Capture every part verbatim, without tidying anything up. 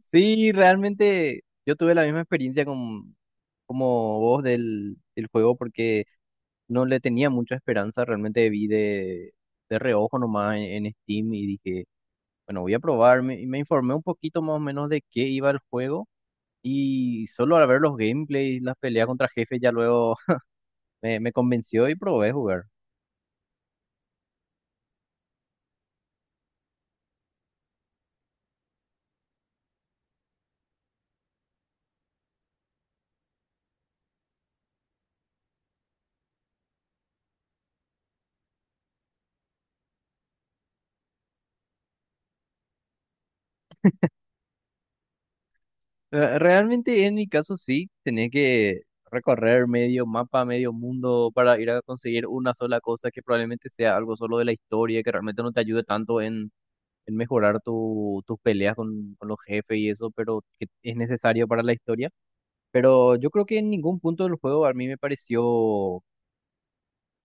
Sí, realmente yo tuve la misma experiencia con, como vos del, del juego, porque no le tenía mucha esperanza. Realmente vi de, de reojo nomás en, en Steam y dije, bueno, voy a probar, me- y me informé un poquito más o menos de qué iba el juego, y solo al ver los gameplays, las peleas contra jefes ya luego me, me convenció y probé jugar. Re- Realmente en mi caso sí, tenés que recorrer medio mapa, medio mundo para ir a conseguir una sola cosa que probablemente sea algo solo de la historia, que realmente no te ayude tanto en, en mejorar tu, tus peleas con, con los jefes y eso, pero que es necesario para la historia. Pero yo creo que en ningún punto del juego a mí me pareció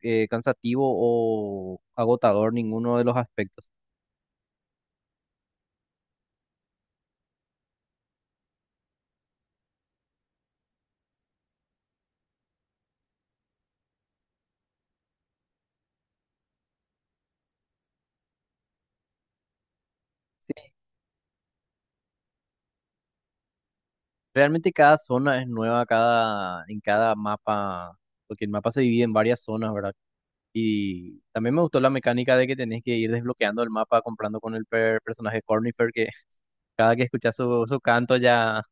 eh, cansativo o agotador ninguno de los aspectos. Realmente cada zona es nueva, cada, en cada mapa, porque el mapa se divide en varias zonas, ¿verdad? Y también me gustó la mecánica de que tenés que ir desbloqueando el mapa comprando con el per- personaje Cornifer, que cada que escuchas su, su canto ya,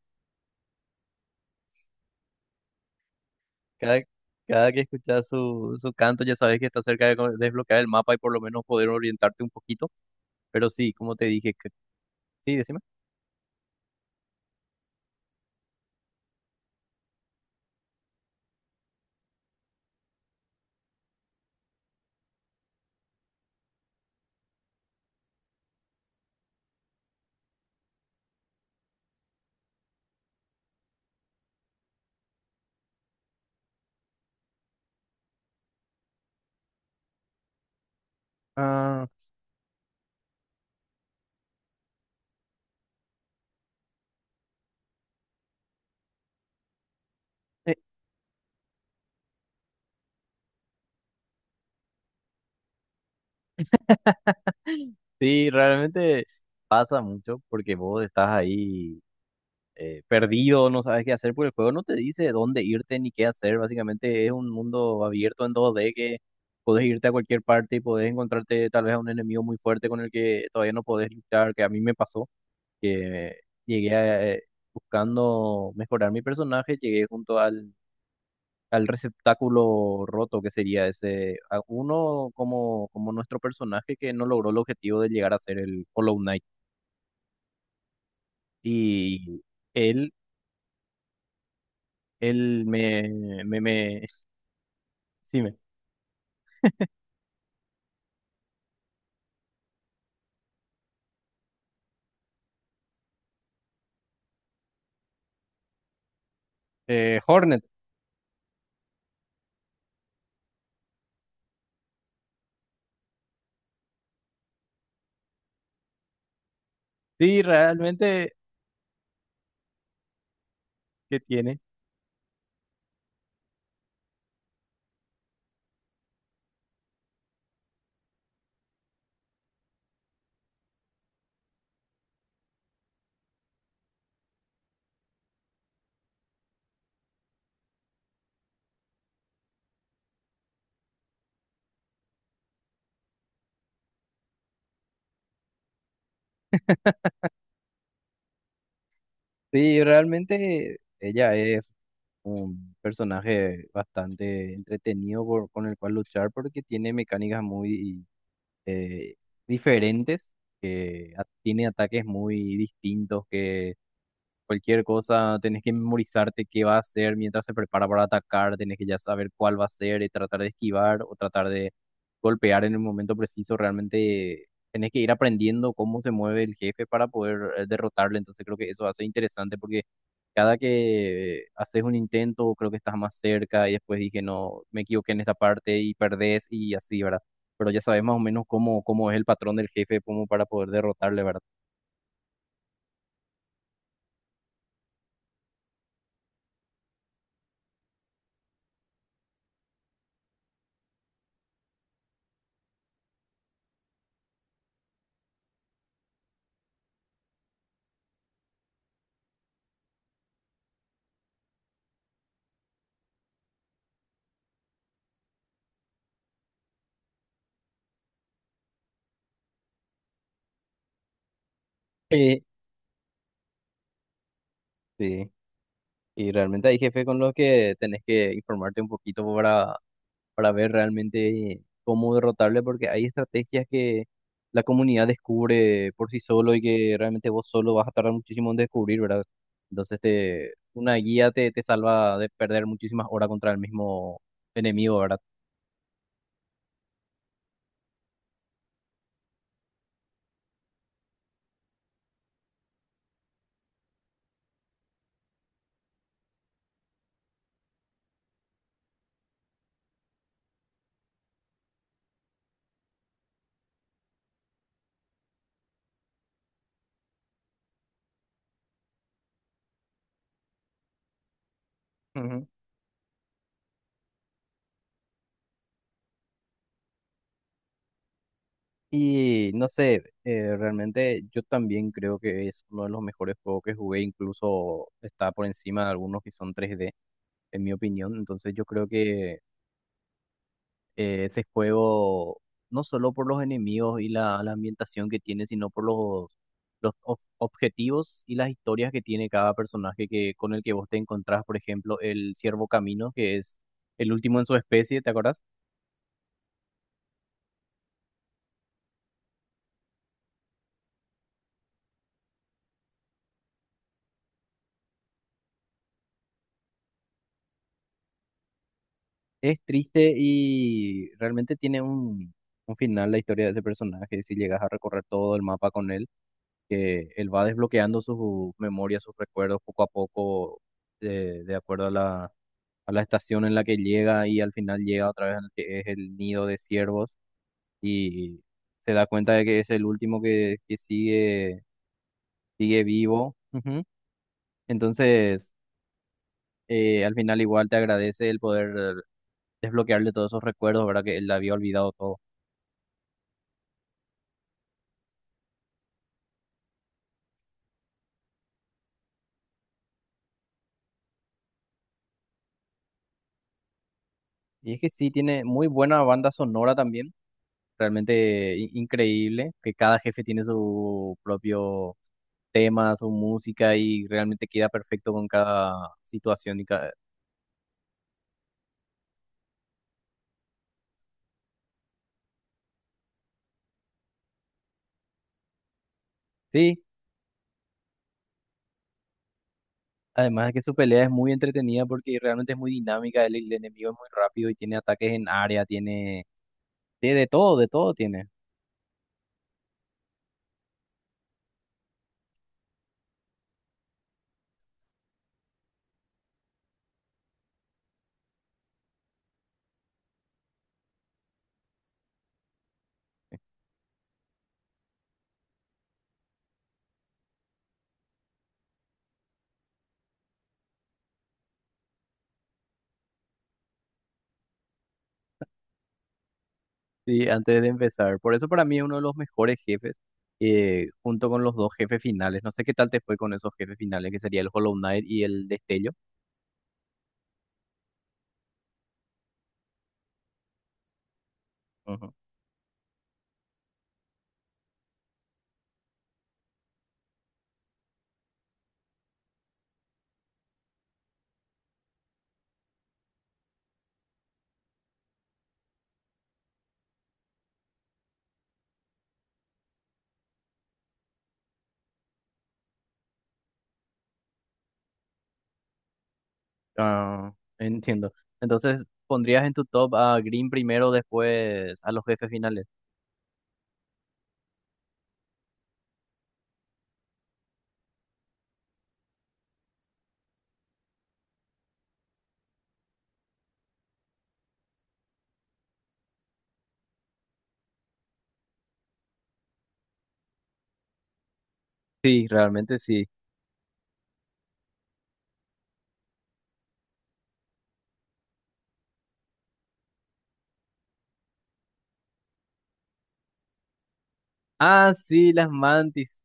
cada, cada que escuchas su, su canto ya sabes que está cerca de co- desbloquear el mapa y por lo menos poder orientarte un poquito. Pero sí, como te dije, que- sí, decime. Ah, eh, sí, realmente pasa mucho porque vos estás ahí. Eh, perdido, no sabes qué hacer, porque el juego no te dice dónde irte ni qué hacer. Básicamente es un mundo abierto en dos D que podés irte a cualquier parte y podés encontrarte tal vez a un enemigo muy fuerte con el que todavía no podés luchar, que a mí me pasó, que llegué a, eh, buscando mejorar mi personaje, llegué junto al, al receptáculo roto, que sería ese, a uno como, como nuestro personaje que no logró el objetivo de llegar a ser el Hollow Knight. Y él, él me, me, me decime. Eh, Hornet, sí, realmente, ¿qué tiene? Sí, realmente ella es un personaje bastante entretenido por- con el cual luchar, porque tiene mecánicas muy eh, diferentes, que a- tiene ataques muy distintos que cualquier cosa. Tenés que memorizarte qué va a hacer mientras se prepara para atacar, tenés que ya saber cuál va a ser y tratar de esquivar o tratar de golpear en el momento preciso. Realmente tenés que ir aprendiendo cómo se mueve el jefe para poder eh, derrotarle. Entonces creo que eso hace interesante, porque cada que haces un intento creo que estás más cerca, y después dije, no, me equivoqué en esta parte, y perdés, y así, ¿verdad? Pero ya sabes más o menos cómo, cómo es el patrón del jefe, como para poder derrotarle, ¿verdad? Sí. Sí. Y realmente hay jefes con los que tenés que informarte un poquito para, para ver realmente cómo derrotarle, porque hay estrategias que la comunidad descubre por sí solo y que realmente vos solo vas a tardar muchísimo en descubrir, ¿verdad? Entonces te, una guía te, te salva de perder muchísimas horas contra el mismo enemigo, ¿verdad? Ujú. Y no sé, eh, realmente yo también creo que es uno de los mejores juegos que jugué, incluso está por encima de algunos que son tres d en mi opinión. Entonces yo creo que eh, ese juego, no solo por los enemigos y la, la ambientación que tiene, sino por los, los ob- objetivos y las historias que tiene cada personaje que, con el que vos te encontrás, por ejemplo, el Ciervo Camino, que es el último en su especie, ¿te acordás? Es triste, y realmente tiene un, un final la historia de ese personaje, si llegas a recorrer todo el mapa con él. Que él va desbloqueando sus memorias, sus recuerdos poco a poco, eh, de acuerdo a la, a la estación en la que llega, y al final llega otra vez al que es el nido de ciervos y se da cuenta de que es el último que, que sigue, sigue vivo. Ujú. Entonces, eh, al final igual te agradece el poder desbloquearle todos esos recuerdos, ¿verdad? Que él había olvidado todo. Y es que sí, tiene muy buena banda sonora también, realmente i- increíble, que cada jefe tiene su propio temas o música, y realmente queda perfecto con cada situación y cada... Sí, además de que su pelea es muy entretenida porque realmente es muy dinámica, el, el enemigo es muy rápido y tiene ataques en área, tiene... tiene de todo, de todo tiene. Sí, antes de empezar. Por eso para mí es uno de los mejores jefes, eh, junto con los dos jefes finales. No sé qué tal te fue con esos jefes finales, que sería el Hollow Knight y el Destello. Ujú. Ah, entiendo. Entonces, ¿pondrías en tu top a Green primero, después a los jefes finales? Sí, realmente sí. Ah, sí, las mantis.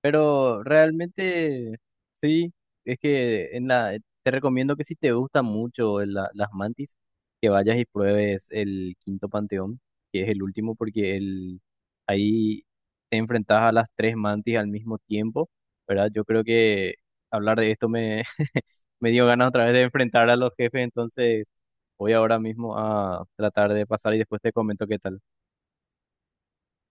Pero realmente, sí, es que en la, te recomiendo que si te gustan mucho la- las mantis, que vayas y pruebes el quinto panteón, que es el último, porque el, ahí te enfrentas a las tres mantis al mismo tiempo, ¿verdad? Yo creo que hablar de esto me, me dio ganas otra vez de enfrentar a los jefes, entonces voy ahora mismo a tratar de pasar y después te comento qué tal.